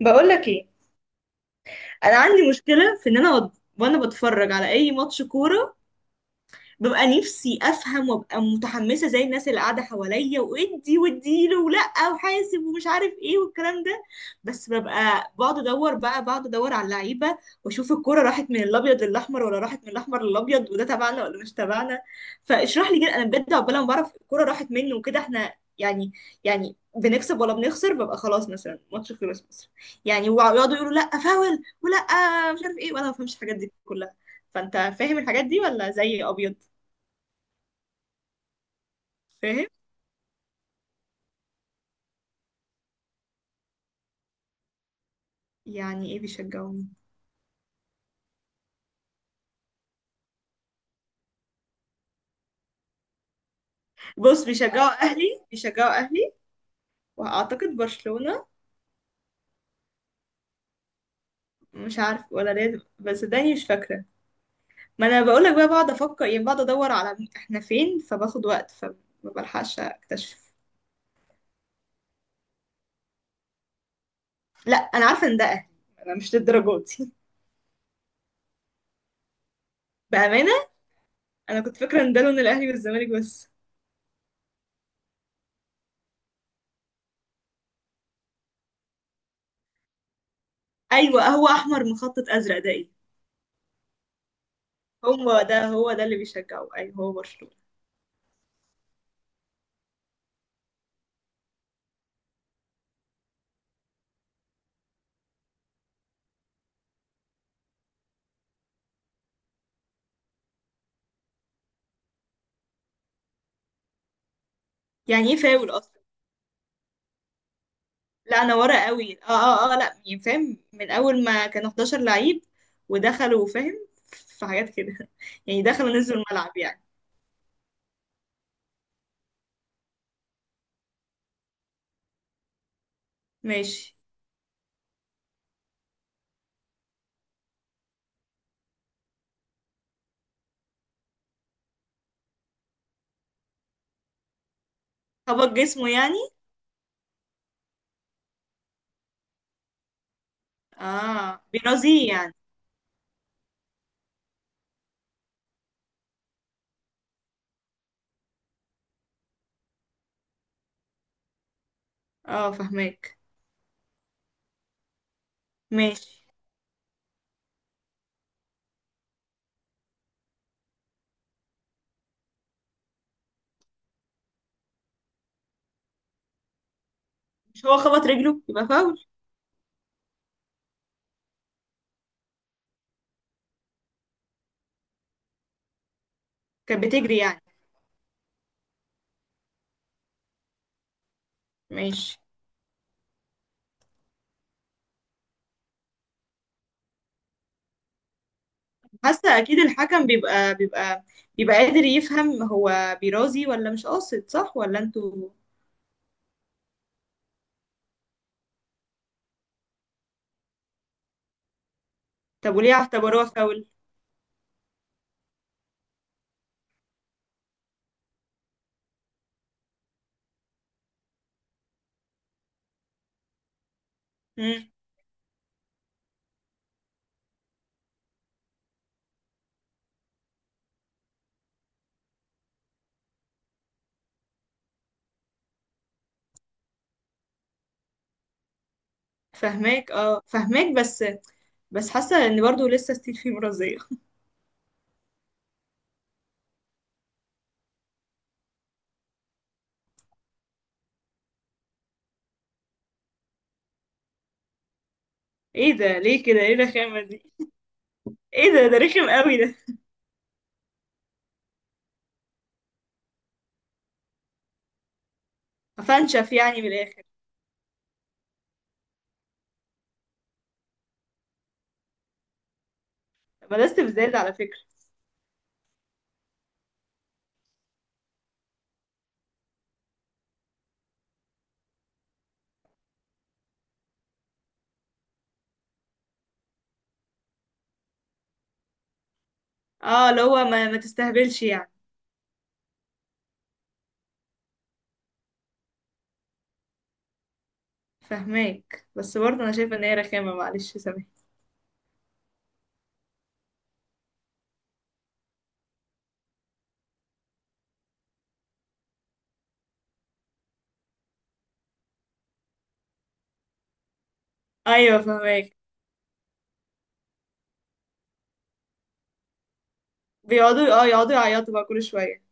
بقول لك ايه. انا عندي مشكله في ان انا وانا بتفرج على اي ماتش كوره، ببقى نفسي افهم وابقى متحمسه زي الناس اللي قاعده حواليا، وادي واديله ولا وحاسب ومش عارف ايه والكلام ده. بس ببقى بقعد ادور على اللعيبه، واشوف الكوره راحت من الابيض للاحمر ولا راحت من الاحمر للابيض، وده تبعنا ولا مش تبعنا. فاشرح لي كده انا بجد، عقبال ما بعرف الكوره راحت مني وكده، احنا يعني بنكسب ولا بنخسر، ببقى خلاص مثلا ماتش خلص مثلا، يعني ويقعدوا يقولوا لا فاول ولا مش عارف ايه، وانا ما بفهمش الحاجات دي كلها. فانت فاهم الحاجات دي ولا زي ابيض؟ فاهم. يعني ايه بيشجعوني؟ بص، بيشجعوا اهلي، بيشجعوا اهلي، واعتقد برشلونة. مش عارف ولا ريال، بس داني مش فاكرة. ما انا بقولك، بقى بقعد افكر يعني، بقعد ادور على احنا فين، فباخد وقت فما بلحقش اكتشف. لا انا عارفة ان ده اهلي، انا مش للدرجة دي. بأمانة انا كنت فاكرة ان ده لون الاهلي والزمالك بس. ايوه، هو احمر مخطط ازرق ده ايه؟ هو ده، هو ده اللي بيشجعه، ايوه هو برشلونة. يعني ايه فاول اصلا؟ لا انا ورا قوي، اه اه اه، لا يعني فاهم من اول ما كانوا 11 لعيب ودخلوا، فاهم، في حاجات كده يعني دخلوا نزلوا الملعب يعني. ماشي. خبط جسمه يعني؟ اه بيرازيه يعني؟ اه، فهماك. ماشي. مش هو خبط رجله يبقى فاول؟ كانت بتجري يعني؟ ماشي. حاسه اكيد الحكم بيبقى بيبقى قادر يفهم هو بيرازي ولا مش قاصد، صح ولا انتوا؟ طب وليه اعتبروها فاول؟ امم. فهماك، اه فهماك، بس بس حاسة ان برضو لسه ستيل في مرضية. ايه ده؟ ليه كده؟ ايه الرخامة دي؟ ايه ده، ده رخم قوي ده. هفنشف يعني من الاخر. بلاست بزيادة على فكرة. اه، اللي هو ما تستهبلش يعني. فهماك، بس برضو انا شايفة ان هي رخامة، معلش سامحني. ايوه فهماك. بيقعدوا، اه، يقعدوا يعيطوا بقى كل شوية.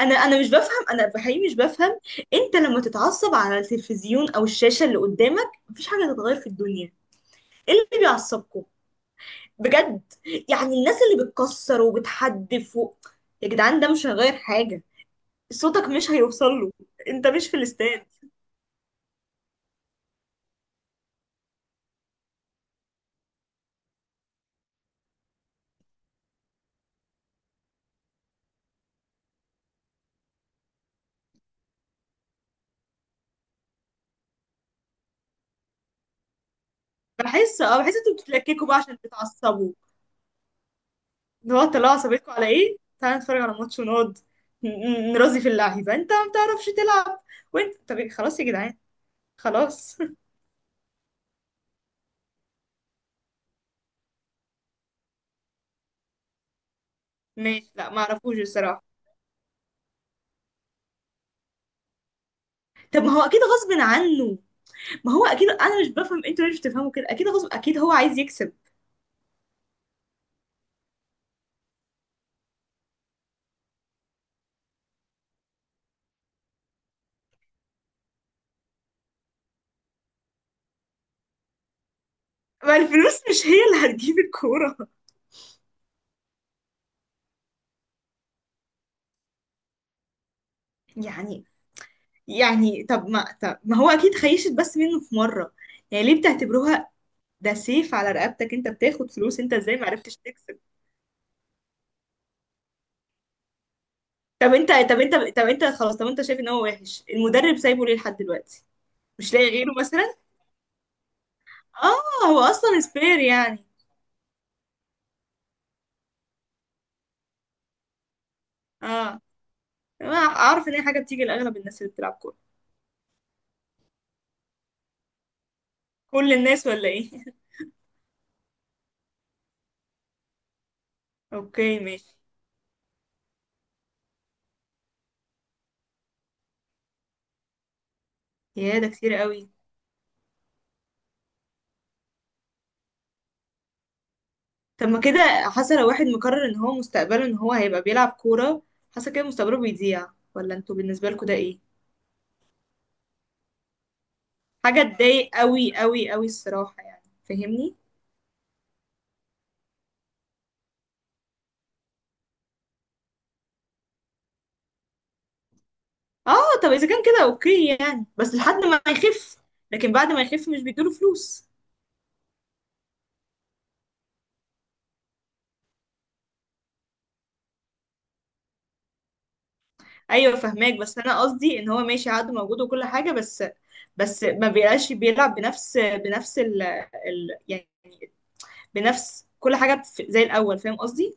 انا مش بفهم، انا بحقيقي مش بفهم. انت لما تتعصب على التلفزيون او الشاشة اللي قدامك، مفيش حاجة تتغير في الدنيا. ايه اللي بيعصبكم بجد؟ يعني الناس اللي بتكسر وبتحدف و... يا جدعان ده مش هيغير حاجة، صوتك مش هيوصل له، انت مش في الاستاد. بحس، اه بحس انتوا بتتلككوا بقى عشان تتعصبوا. اللي هو طلعوا عصبيتكم على ايه، تعالى نتفرج على ماتش ونقعد نرازي في اللعيبة، انت ما بتعرفش تلعب. وانت طب إيه؟ خلاص يا جدعان، خلاص. ماشي، لا ما اعرفوش الصراحة. طب ما هو اكيد غصب عنه، ما هو اكيد، انا مش بفهم انتوا ليه مش بتفهموا كده، اكيد غصب، اكيد هو عايز يكسب. ما الفلوس مش هي اللي هتجيب الكورة. يعني. يعني طب ما هو اكيد خيشت بس منه في مره، يعني ليه بتعتبروها ده سيف على رقبتك؟ انت بتاخد فلوس، انت ازاي ما عرفتش تكسب؟ طب انت، طب انت خلاص، طب انت شايف ان هو وحش، المدرب سايبه ليه لحد دلوقتي؟ مش لاقي غيره مثلا؟ اه هو اصلا سبير يعني. اه، أنا اعرف ان هي حاجه بتيجي لاغلب الناس اللي بتلعب كوره. كل الناس ولا ايه؟ اوكي ماشي. يا ده كتير قوي. طب ما كده حاسه لو واحد مقرر ان هو مستقبله ان هو هيبقى بيلعب كوره، حاسه كده مستقبله بيضيع، ولا انتوا بالنسبه لكم ده ايه؟ حاجة تضايق قوي قوي قوي الصراحة يعني. فاهمني؟ اه، طب اذا كان كده اوكي يعني، بس لحد ما يخف. لكن بعد ما يخف مش بيدوله فلوس؟ ايوه فهماك، بس انا قصدي ان هو ماشي عقده موجود وكل حاجة بس، بس ما بيبقاش بيلعب بنفس بنفس ال ال يعني، بنفس كل حاجة زي الأول، فاهم قصدي؟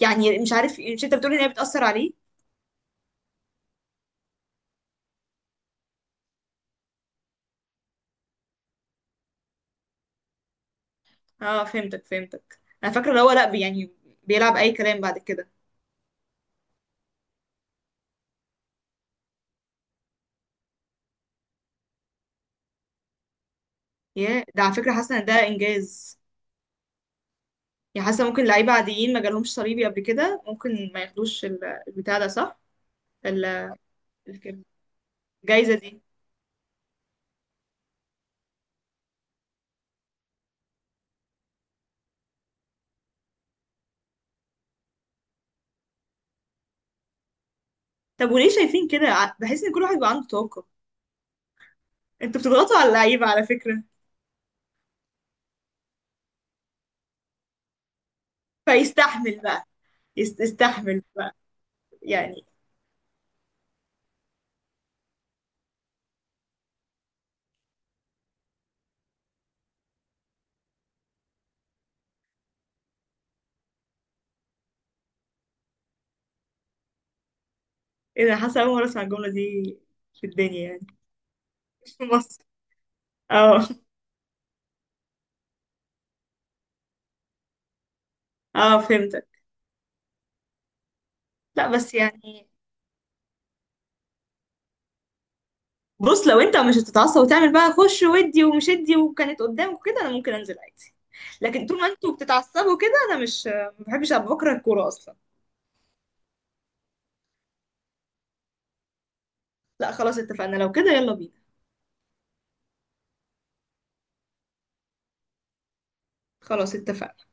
يعني مش عارف، مش انت بتقول ان هي بتأثر عليه؟ اه فهمتك، فهمتك، انا فاكرة اللي هو لا يعني بيلعب اي كلام بعد كده. ياه، ده على فكرة حاسة ان ده انجاز. يعني حاسه ممكن لعيبه عاديين ما جالهمش صليبي قبل كده ممكن ما ياخدوش البتاع ده صح؟ ال- الك- الجايزه دي. طب وليه شايفين كده بحس ان كل واحد بيبقى عنده طاقه، انتوا بتضغطوا على اللعيبه على فكره. فيستحمل بقى. يستحمل بقى يعني. ايه ده، حاسه اول مره اسمع الجمله دي في الدنيا يعني. مش في مصر؟ اه. اه فهمتك. لا بس يعني. بص، لو انت مش هتتعصب وتعمل بقى خش ودي ومش ادي، وكانت قدامك كده، انا ممكن انزل عادي. لكن طول ما انتوا بتتعصبوا كده، انا مش، ما بحبش ابقى بكره الكوره اصلا. لا خلاص اتفقنا، لو كده يلا بينا. خلاص اتفقنا.